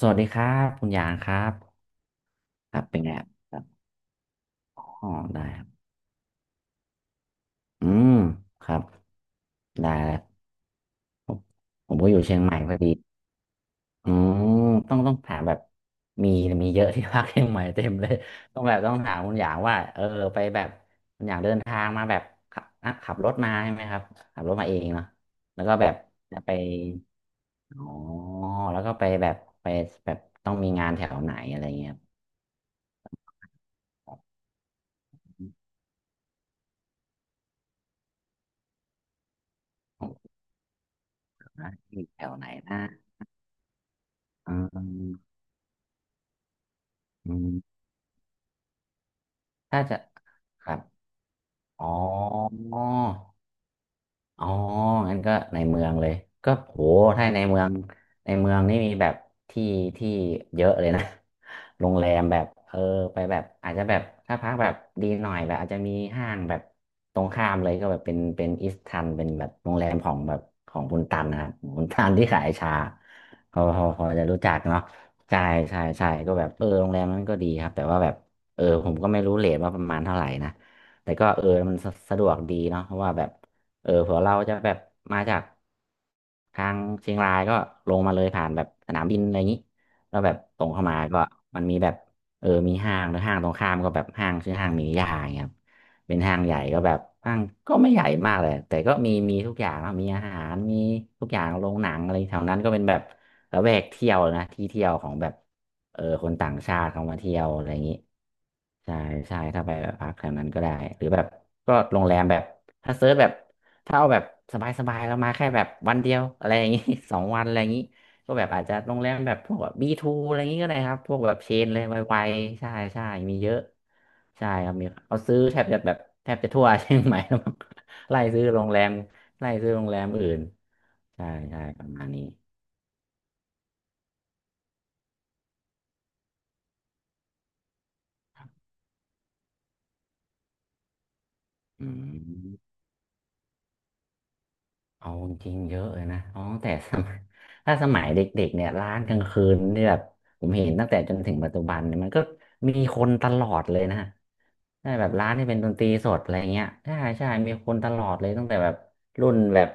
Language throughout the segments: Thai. สวัสดีครับคุณหยางครับครับเป็นไงครับอ๋อได้ครับอืมครับได้แล้วผมก็อยู่เชียงใหม่พอดีอืมต้องถามแบบมีมีเยอะที่พักเชียงใหม่เต็มเลยต้องแบบต้องถามคุณหยางว่าไปแบบคุณหยางเดินทางมาแบบขับขับรถมาใช่ไหมครับขับรถมาเองเนาะแล้วก็แบบจะไปอ๋อแล้วก็ไปแบบไปแบบต้องมีงานแถวไหนอะไรเงี้ยครับของผมนะอยู่แถวไหนนะอืม ถ้าจะครับอ๋อ อ๋องั้นก็ในเมืองเลยก็โหถ้าในเมืองในเมืองนี่มีแบบที่ที่เยอะเลยนะ โรงแรมแบบไปแบบอาจจะแบบถ้าพักแบบดีหน่อยแบบอาจจะมีห้างแบบตรงข้ามเลยก็แบบเป็นอิสตันเป็นแบบโรงแรมของแบบของคุณตันนะครับคุณตันที่ขายชาเขาจะรู้จักเนาะใช่ใช่ใช่ก็แบบโรงแรมนั้นก็ดีครับแต่ว่าแบบผมก็ไม่รู้เรทว่าประมาณเท่าไหร่นะแต่ก็มันสะดวกดีเนาะเพราะว่าแบบ เผื่อเราจะแบบมาจากทางเชียงรายก็ลงมาเลยผ่านแบบสนามบินอะไรอย่างนี้แล้วแบบตรงเข้ามาก็มันมีแบบมีห้างหรือห้างตรงข้ามก็แบบห้างชื่อห้างมีนิยาอย่างเงี้ยครับเป็นห้างใหญ่ก็แบบห้างก็ไม่ใหญ่มากเลยแต่ก็มีทุกอย่างนะมีอาหารมีทุกอย่างโรงหนังอะไรแถวนั้นก็เป็นแบบระแวกเที่ยวนะที่เที่ยวของแบบคนต่างชาติเขามาเที่ยวอะไรอย่างนี้ใช่ใช่ถ้าไปแบบพักแถวนั้นก็ได้หรือแบบก็โรงแรมแบบถ้าเซิร์ชแบบ ถ้าเอาแบบสบายๆเรามาแค่แบบวันเดียวอะไรอย่างงี้ 2 วันอะไรอย่างงี้ก็แบบอาจจะโรงแรมแบบพวกแบบบีทูอะไรอย่างงี้ก็ได้ครับพวกแบบเชนเลยไวๆใช่ใช่มีเยอะใช่ครับมีเอาซื้อแทบจะแบบแทบจะทั่ว เชียงใหม่ แล้วมั้ง ไล่ซื้อโรงแรมไล่ซื้อโรงแรมอื่นใช่ใช่ประมาณนี้อืม เอาจริงๆเยอะเลยนะอ๋อแต่สมัย ถ้าสมัยเด็กๆเนี่ยร้านกลางคืนเนี่ยแบบผมเห็นตั้งแต่จนถึงปัจจุบันเนี่ยมันก็มีคนตลอดเลยนะใช่แบบร้านที่เป็นดนตรีสดอะไรเงี้ยใช่ใช่มีคนตลอดเลยตั้งแต่แบบรุ่นแบบ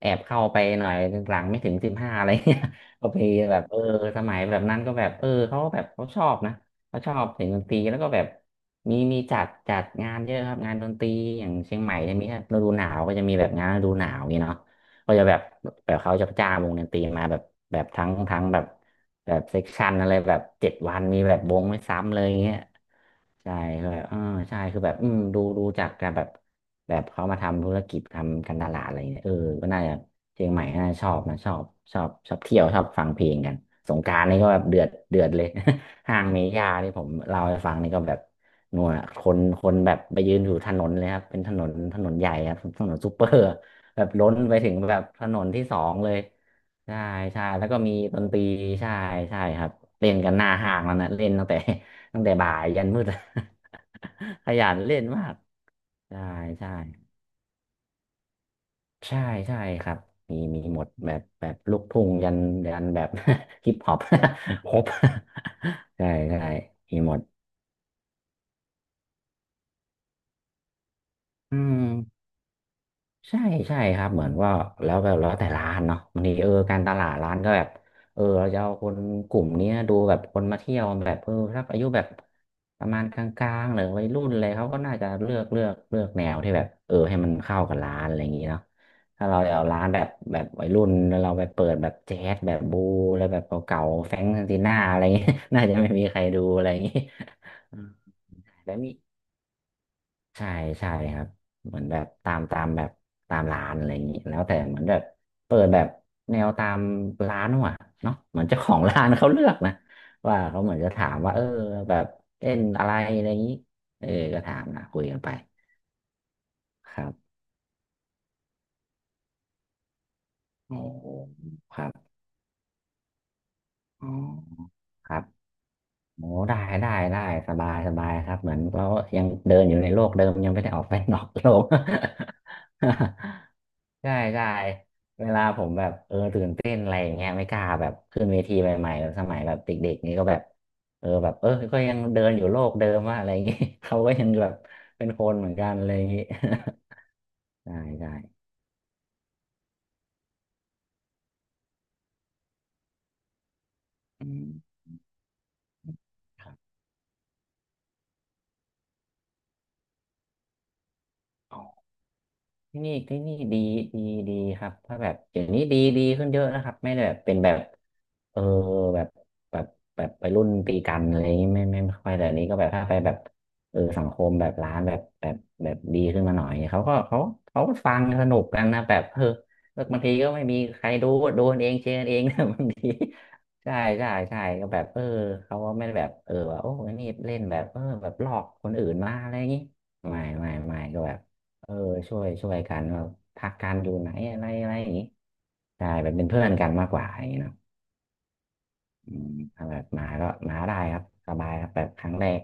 แอบเข้าไปหน่อยหลังไม่ถึง15อะไรเงี้ย ก็มีแบบสมัยแบบนั้นก็แบบเขาก็แบบเขาชอบนะเขาชอบเสียงดนตรีแล้วก็แบบมีจัดงานเยอะครับงานดนตรีอย่างเชียงใหม่จะมีถ้าฤดูหนาวก็จะมีแบบงานฤดูหนาวอย่างงี้เนาะ ก็จะแบบแบบเขาจะจ้างวงดนตรีมาแบบแบบทั้งแบบแบบเซกชันอะไรแบบ7 วันมีแบบวงไม่ซ้ำเลยอย่างเงี้ยใช่ก็แบบใช่คือแบบดูจากการแบบแบบเขามาทำธุรกิจทำการตลาดอะไรเงี้ยก็น่าจะเชียงใหม่น่าจะชอบนะชอบชอบชอบเที่ยวชอบฟังเพลงกันสงกรานต์นี่ก็แบบเดือดเดือดเลย ห้างเมย่าที่ผมเล่าให้ฟังนี่ก็แบบนัวคนแบบไปยืนอยู่ถนนเลยครับเป็นถนนใหญ่ครับถนนซูเปอร์ แบบล้นไปถึงแบบถนนที่สองเลยใช่ใช่แล้วก็มีดนตรีใช่ใช่ครับเล่นกันหน้าห้างแล้วนะเล่นตั้งแต่ ตั้งแต่บ่ายยันมืด ขยันเล่นมากใช่ใช่ใช่ใช่ครับมีหมดแบบแบบลูกทุ่งยันแบบ ฮิปฮอป ครบ ใช่ใช่มีหมดอืม ใช่ใช่ครับเหมือนว่าแล้วแบบแล้วแต่ร้านเนาะบางทีการตลาดร้านก็แบบเราจะเอาคนกลุ่มเนี้ยดูแบบคนมาเที่ยวแบบถ้าอายุแบบประมาณกลางๆหรือวัยรุ่นอะไรเขาก็น่าจะเลือกแนวที่แบบให้มันเข้ากับร้านอะไรอย่างงี้เนาะถ้าเราจะเอาร้านแบบแบบวัยรุ่นแล้วเราไปเปิดแบบแจ๊สแบบบูแล้วแบบเก่าๆแฟรงก์ซินติน่าอะไรอย่างงี้ น่าจะไม่มีใครดูอะไรอย่างงี้ แต่มี ใช่ใช่ครับเหมือนแบบตามตามแบบตามร้านอะไรอย่างนี้แล้วแต่เหมือนแบบเปิดแบบแนวตามร้านว่ะเนาะเหมือนเจ้าของร้านเขาเลือกนะว่าเขาเหมือนจะถามว่าแบบเล่นอะไรอะไรอย่างนี้เออก็ถามนะคุยกันไปครับโอ้ครับอ๋อครับโอ้ได้ได้ได้สบายสบายครับเหมือนเรายังเดินอยู่ในโลกเดิมยังไม่ได้ออกไปนอกโลก ใช่ใช่เวลาผมแบบตื่นเต้นอะไรอย่างเงี้ยไม่กล้าแบบขึ้นเวทีใหม่ๆแบบสมัยแบบเด็กๆนี่ก็แบบแบบก็ยังเดินอยู่โลกเดิมว่าอะไรอย่างงี้ เขาก็ยังแบบเป็นคนเหมือนกันอะไรอย่างงี้ ใช่ใช่อืม ทท่นี่ที่นี่ดีดีดีครับถ้าแบบเดี๋ยวนี้ดีดีขึ้นเยอะนะครับไม่ได้แบบเป็นแบบเออแบบแบบแบบไปรุ่นตีกันอะไรอย่างงี้ไม่ค่อยแต่อันนี้ก็แบบถ้าไปแบบสังคมแบบร้านแบบแบบแบบดีขึ้นมาหน่อยเขาก็เขาก็ฟังสนุกกันนะแบบแล้วบางทีก็ไม่มีใครดูดูกันเองเชียร์กันเอง นะบางทีใช่ใช่ใช่ก็แบบเขาก็ไม่ได้แบบว่าโอ้ยนี่เล่นแบบแบบหลอกคนอื่นมาอะไรอย่างงี้ไม่ก็แบบ เออช่วยช่วยกันว่าพักการอยู่ไหนอะไรอะไรอย่างงี้ใช่แบบเป็นเพื่อนกันมากกว่าอย่างงี้เนาะอืมถ้าแบบมาก็มาได้ครับสบายครับแบบครั้งแรก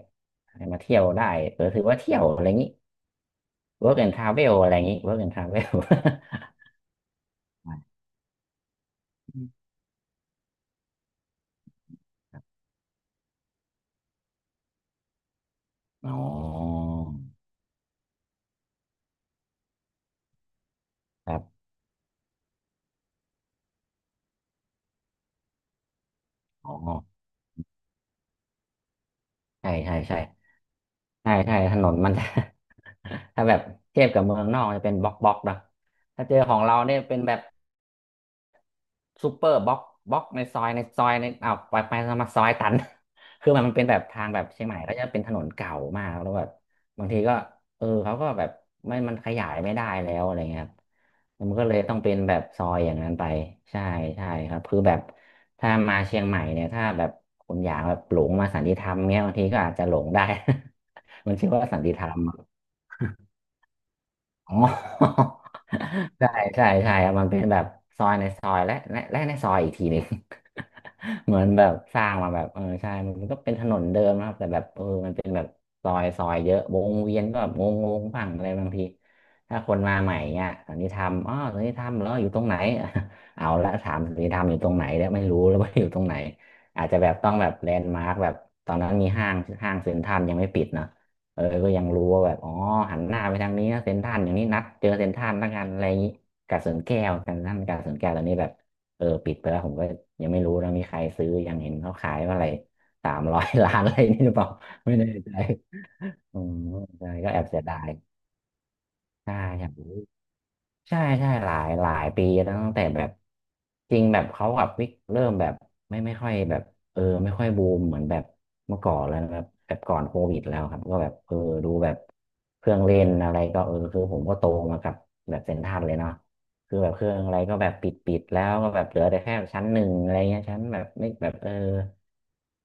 มาเที่ยวได้ถือว่าเที่ยวอะไรอย่างงี้ work and travel อะไรอย่างงี้ work and travel อมอ๋อครับอ๋อใช่ใช่ใช่ใช่ใช่ถนนมันจะ ถ้าแบบเทียบกับเมืองนอกจะเป็นบล็อกบล็อกเนอะถ้าเจอของเราเนี่ยเป็นแบบ ซูเปอร์บล็อกบล็อกในซอยในซอยในอ้าวไปไปมาซอยตัน คือมันเป็นแบบทางแบบเชียงใหม่ก็จะเป็นถนนเก่ามากแล้วแบบบางทีก็เขาก็แบบไม่มันขยายไม่ได้แล้วอะไรเงี้ยครับมันก็เลยต้องเป็นแบบซอยอย่างนั้นไปใช่ใช่ครับคือแบบถ้ามาเชียงใหม่เนี่ยถ้าแบบคุณอยากแบบหลงมาสันติธรรมเงี้ยบางทีก็อาจจะหลงได้ มันชื่อว่าสันติธรรม อ๋อ ใช่ใช่ใช่ครับมันเป็นแบบซอยในซอยและและในซอยอีกทีหนึ่ง เหมือนแบบสร้างมาแบบใช่มันก็เป็นถนนเดิมนะครับแต่แบบมันเป็นแบบซอยซอยเยอะวงเวียนก็แบบงงงบ้างอะไรบางทีถ้าคนมาใหม่เงี้ยสันนิธรรมอ๋อสันนิธรรมแล้วอยู่ตรงไหน เอาละถามสันนิธรรมอยู่ตรงไหนแล้วไม่รู้แล้วว่าอยู่ตรงไหนอาจจะแบบต้องแบบแลนด์มาร์กแบบตอนนั้นมีห้างเซ็นทรัลยังไม่ปิดเนอะ ก็ยังรู้ว่าแบบอ๋อ หันหน้าไปทางนี้นะเซ็นทรัลอย่างนี้นัดเจอเซ็นทรัลละกันอะไรอย่างนี้กาดสวนแก้วเซ็นทรัลกาดสวนแก้วตอนนี้แบบ ปิดไปแล้วผมก็ยังไม่รู้นะมีใครซื้อยังเห็นเขาขายว่าอะไรสามร้อย ล้านอะไรนี่หรือเปล่า ไม่แน่ใจอืมใช่ก็แอบเสียดายใช่อยากรู้ ใช่ใช่หลายหลายปีแล้วตั้งแต่แบบจริงแบบเขากับวิกเริ่มแบบไม่ไม่ค่อยแบบไม่ค่อยบูมเหมือนแบบเมื่อก่อนแล้วนะครับแบบก่อนโควิดแล้วครับก็แบบดูแบบเครื่องเล่นอะไรก็คือผมก็โตมากับแบบเซ็นทรัลเลยเนาะคือแบบเครื่องอะไรก็แบบปิดแล้วก็แบบเหลือแต่แค่ชั้นหนึ่งอะไรเงี้ยชั้นแบบไม่แบบ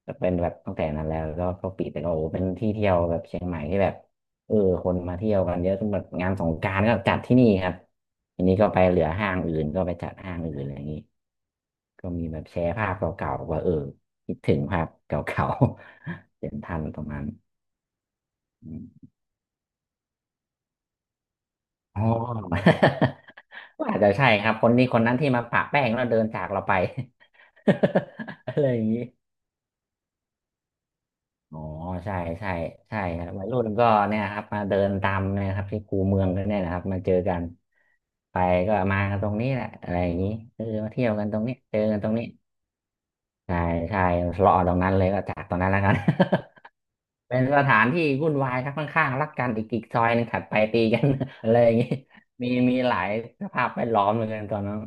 ก็เป็นแบบตั้งแต่นั้นแล้วก็ปิดแต่ก็โอ้โหเป็นที่เที่ยวแบบเชียงใหม่ที่แบบเออคนมาเที่ยวกันเยอะจนแบบงานสงกรานต์ก็จัดที่นี่ครับ ทีนี้ก็ไปเหลือห้างอื่นก็ไปจัดห้างอื่นอะไรอย่างนี้ก็มีแบบแชร์ภาพเก่าๆว่าคิดถึงภาพเก่าๆ เห็นทันตรงนั้นอมอ๋อ ก็อาจจะใช่ครับคนนี้คนนั้นที่มาปะแป้งแล้วเดินจากเราไป อะไรอย่างนี้อ๋อใช่ใช่ใช่ครับวัยรุ่นก็เนี่ยครับมาเดินตามเนะครับที่คูเมืองกันเนี่ยนะครับมาเจอกันไปก็มากันตรงนี้แหละอะไรอย่างนี้มาเที่ยวกันตรงนี้เจอกันตรงนี้ ใช่ใช่รอตรงนั้นเลยก็จากตรงนั้นแล้วกัน เป็นสถานที่วุ่นวายครับข้างๆรักกันอีกซอยหนึงถัดไปตีกัน อะไรอย่างงี้มีมีหลายสภาพแวดล้อมเหมือนกันตอนนั้น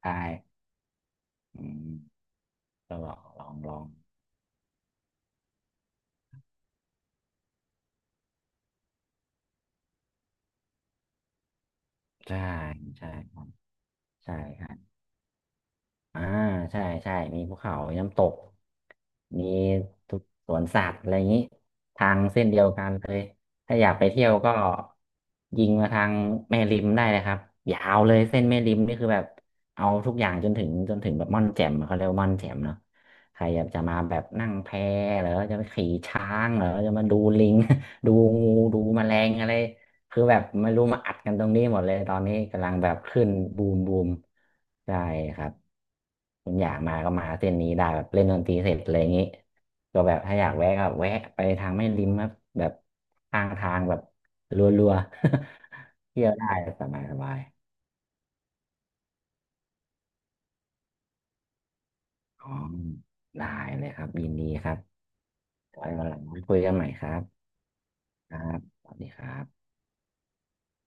ใช่อืมก็ลองลองลองใช่ใช่ใช่ใช่ อ่าใช่ใช่มีภูเขามีน้ำตกมีทุกสวนสัตว์อะไรอย่างนี้ทางเส้นเดียวกันเลยถ้าอยากไปเที่ยวก็ยิงมาทางแม่ริมได้เลยครับยาวเลยเส้นแม่ริมนี่คือแบบเอาทุกอย่างจนถึงจนถึงแบบม่อนแจ่มอะเขาเรียกว่าม่อนแจ่มเนาะใครอยากจะมาแบบนั่งแพเหรือจะไปขี่ช้างเหรือจะมาดูลิง ดูงูดูแมลงอะไร คือแบบไม่รู้มาอัดกันตรงนี้หมดเลยตอนนี้กำลังแบบขึ้นบูมบูมใช่ครับคุณอยากมาก็มาเส้นนี้ได้แบบเล่นดนตรีเสร็จอะไรอย่างนี้ก็แบบถ้าอยากแวะก็แวะไปทางแม่ริมครับแบบทางทางแบบรัวๆ เที่ยวได้สบายสบายอ๋อได้เลยครับยินดีครับไว้วันหลังคุยกันใหม่ครับครับสวัสดีครับ